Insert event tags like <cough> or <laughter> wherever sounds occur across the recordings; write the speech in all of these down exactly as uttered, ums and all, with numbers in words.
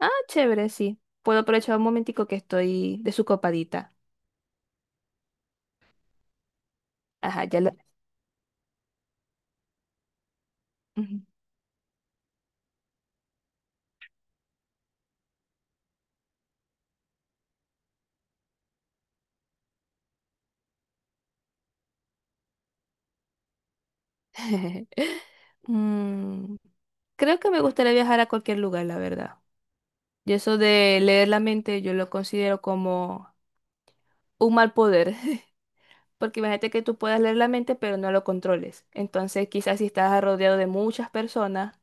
Ah, chévere, sí. Puedo aprovechar un momentico que estoy de su copadita. Ajá, ya lo... Ujú. <laughs> Mm, creo que me gustaría viajar a cualquier lugar, la verdad. Y eso de leer la mente, yo lo considero como un mal poder. <laughs> Porque imagínate que tú puedas leer la mente, pero no lo controles. Entonces, quizás si estás rodeado de muchas personas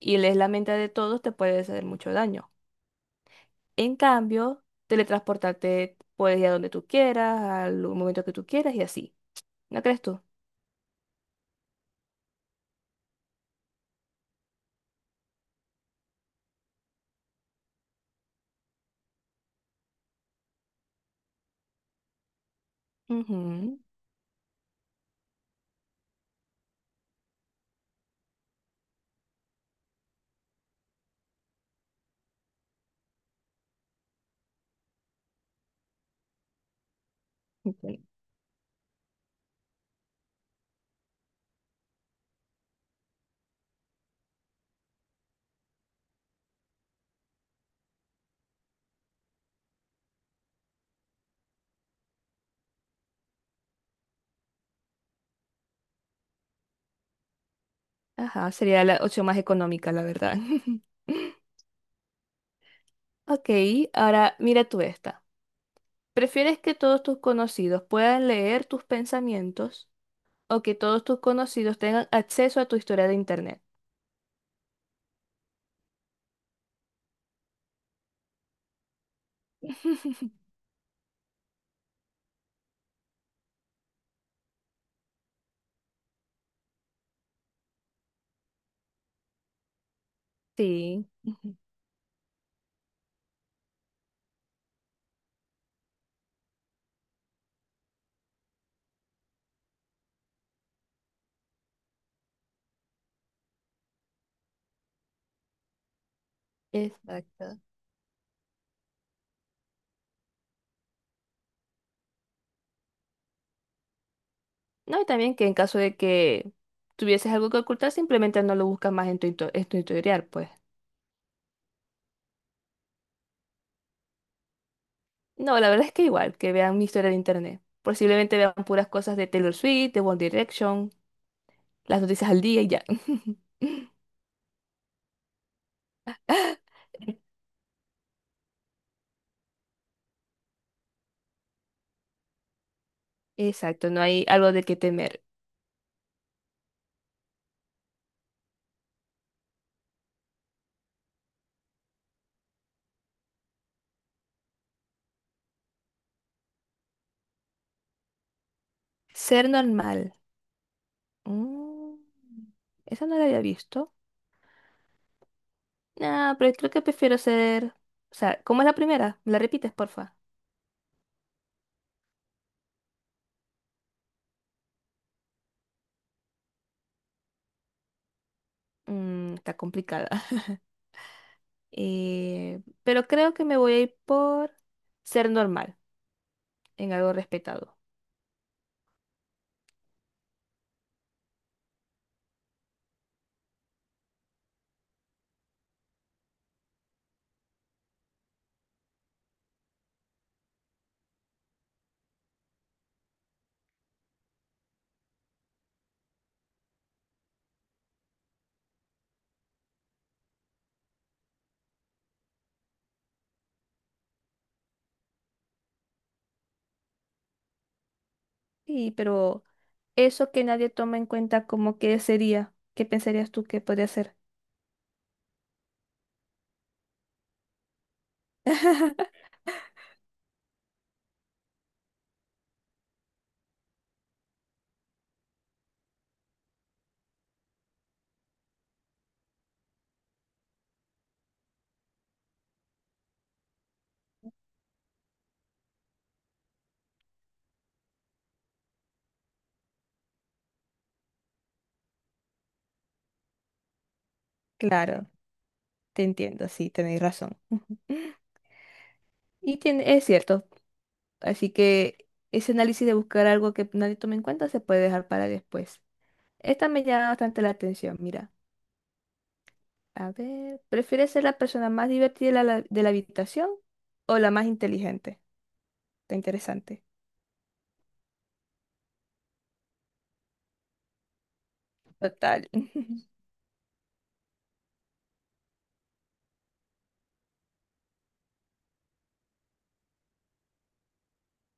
y lees la mente de todos, te puede hacer mucho daño. En cambio, teletransportarte puedes ir a donde tú quieras, al momento que tú quieras y así. ¿No crees tú? Ujú, entiendo. Ajá, sería la opción más económica, la verdad. <laughs> Ok, ahora mira tú esta. ¿Prefieres que todos tus conocidos puedan leer tus pensamientos o que todos tus conocidos tengan acceso a tu historia de internet? <laughs> Sí, ujú, exacto. No, y también que en caso de que tuvieses algo que ocultar, simplemente no lo buscas más en tu, hito- en tu historial, pues. No, la verdad es que igual, que vean mi historia de internet. Posiblemente vean puras cosas de Taylor Swift, de One Direction, las noticias al día y ya. <laughs> Exacto, no hay algo de qué temer. Ser normal. Mm, esa no la había visto. Ah, pero creo que prefiero ser... O sea, ¿cómo es la primera? ¿Me la repites, porfa? Mm, está complicada. <laughs> Eh, pero creo que me voy a ir por ser normal, en algo respetado. Sí, pero eso que nadie toma en cuenta como que sería, ¿qué pensarías tú que podría ser? Claro, te entiendo, sí, tenéis razón. <laughs> Y tiene, es cierto. Así que ese análisis de buscar algo que nadie tome en cuenta se puede dejar para después. Esta me llama bastante la atención, mira. A ver, ¿prefieres ser la persona más divertida de la, de la habitación o la más inteligente? Está interesante. Total. <laughs>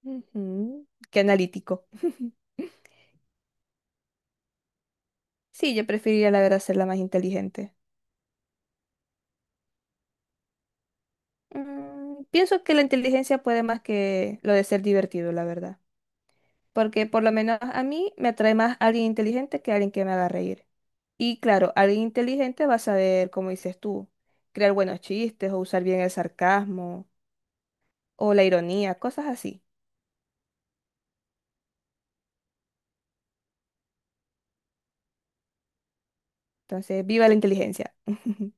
Ujú. Qué analítico. <laughs> Sí, yo preferiría la verdad ser la más inteligente. Mm, pienso que la inteligencia puede más que lo de ser divertido, la verdad. Porque por lo menos a mí me atrae más alguien inteligente que alguien que me haga reír. Y claro, alguien inteligente va a saber, como dices tú, crear buenos chistes o usar bien el sarcasmo o la ironía, cosas así. Entonces, viva la inteligencia. <laughs>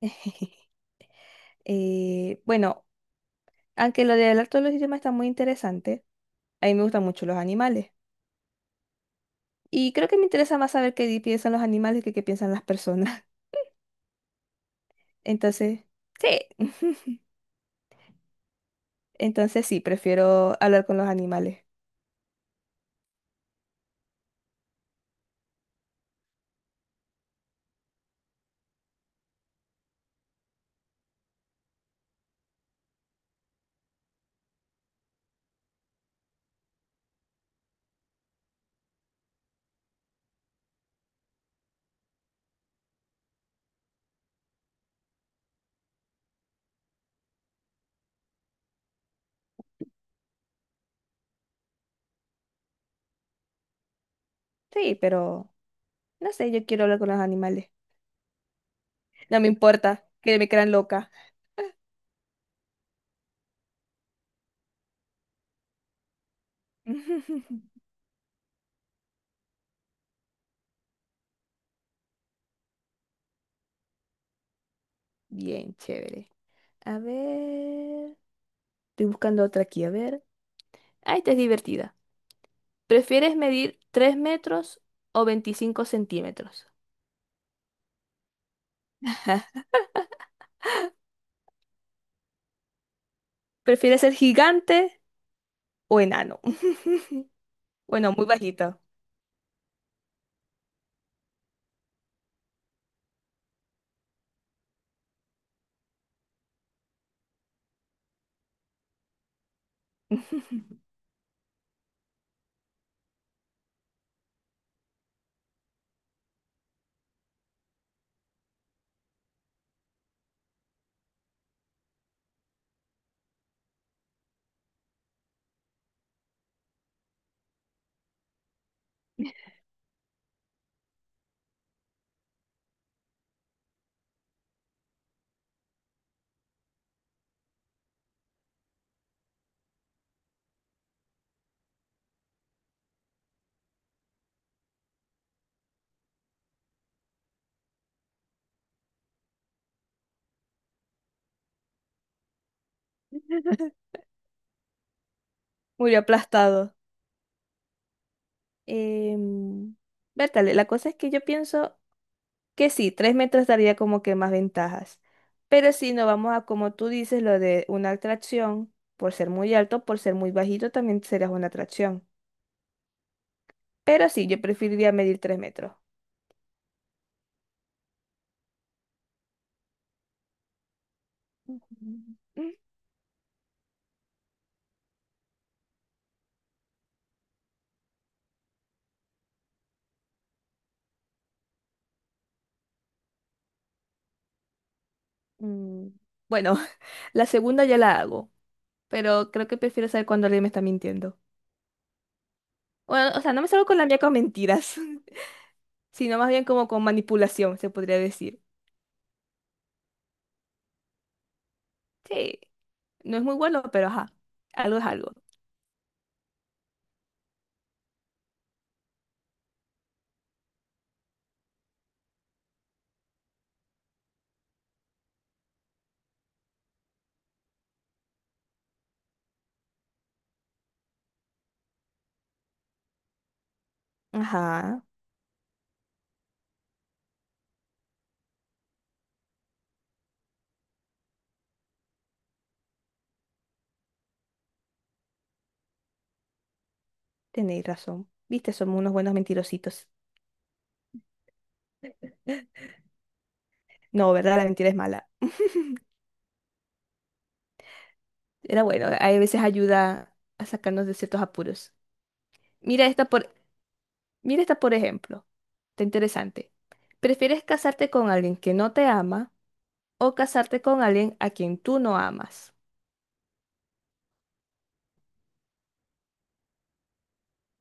<laughs> Eh, bueno, aunque lo del arte de los idiomas está muy interesante, a mí me gustan mucho los animales. Y creo que me interesa más saber qué di- piensan los animales que qué piensan las personas. <laughs> Entonces, sí. <laughs> Entonces sí, prefiero hablar con los animales. Sí, pero no sé, yo quiero hablar con los animales. No me importa que me crean loca. <laughs> Bien, chévere. A ver. Estoy buscando otra aquí, a ver. Ah, esta es divertida. ¿Prefieres medir tres metros o veinticinco centímetros? ¿Prefieres ser gigante o enano? <laughs> Bueno, muy bajito. <laughs> Muy aplastado. Em, Bertale, la cosa es que yo pienso que sí, tres metros daría como que más ventajas. Pero si no vamos a, como tú dices, lo de una atracción, por ser muy alto, por ser muy bajito, también serías una atracción. Pero sí, yo preferiría medir tres metros. Ujú. Mm, Bueno, <laughs> la segunda ya la hago, pero creo que prefiero saber cuando alguien me está mintiendo. Bueno, o sea, no me salgo con la mía con mentiras, <laughs> sino más bien como con manipulación, se podría decir. Sí, no es muy bueno, pero ajá, algo es algo. Ajá. Tenéis razón. Viste, somos unos buenos mentirositos. No, ¿verdad? La mentira es mala. Era bueno, a veces ayuda a sacarnos de ciertos apuros. Mira esta por, mira esta por ejemplo. Está interesante. ¿Prefieres casarte con alguien que no te ama o casarte con alguien a quien tú no amas?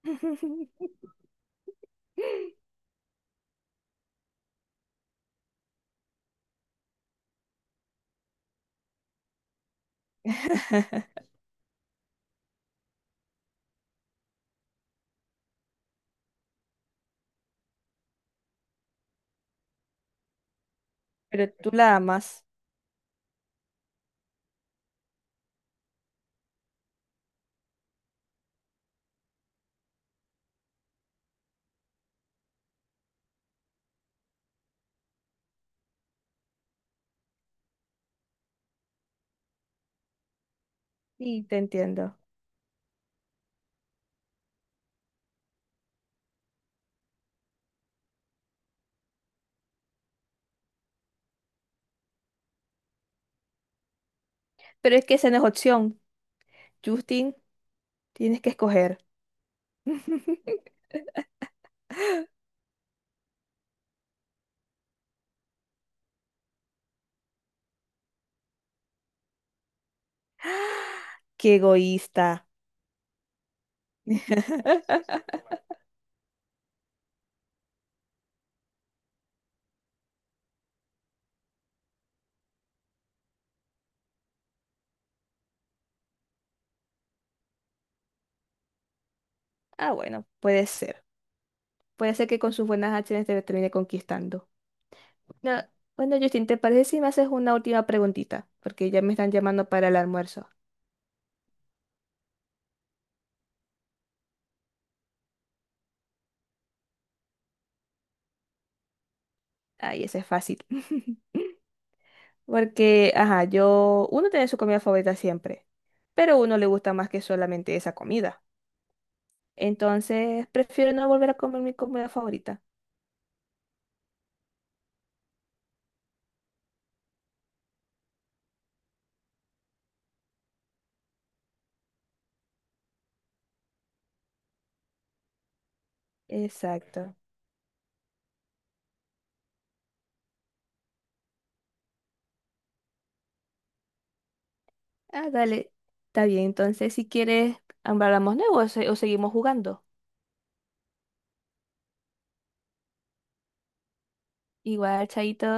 <laughs> Pero tú la amas. Sí, te entiendo. Pero es que esa no es opción. Justin, tienes que escoger. <laughs> Qué egoísta. <laughs> Ah, bueno, puede ser. Puede ser que con sus buenas acciones te termine conquistando. No, bueno, Justin, ¿te parece si me haces una última preguntita? Porque ya me están llamando para el almuerzo. Ay, ese es fácil. <laughs> Porque, ajá, yo, uno tiene su comida favorita siempre, pero a uno le gusta más que solamente esa comida. Entonces, prefiero no volver a comer mi comida favorita. Exacto. Ah, dale. Está bien, entonces si quieres, hablamos nuevo o, se- o seguimos jugando. Igual, chaito.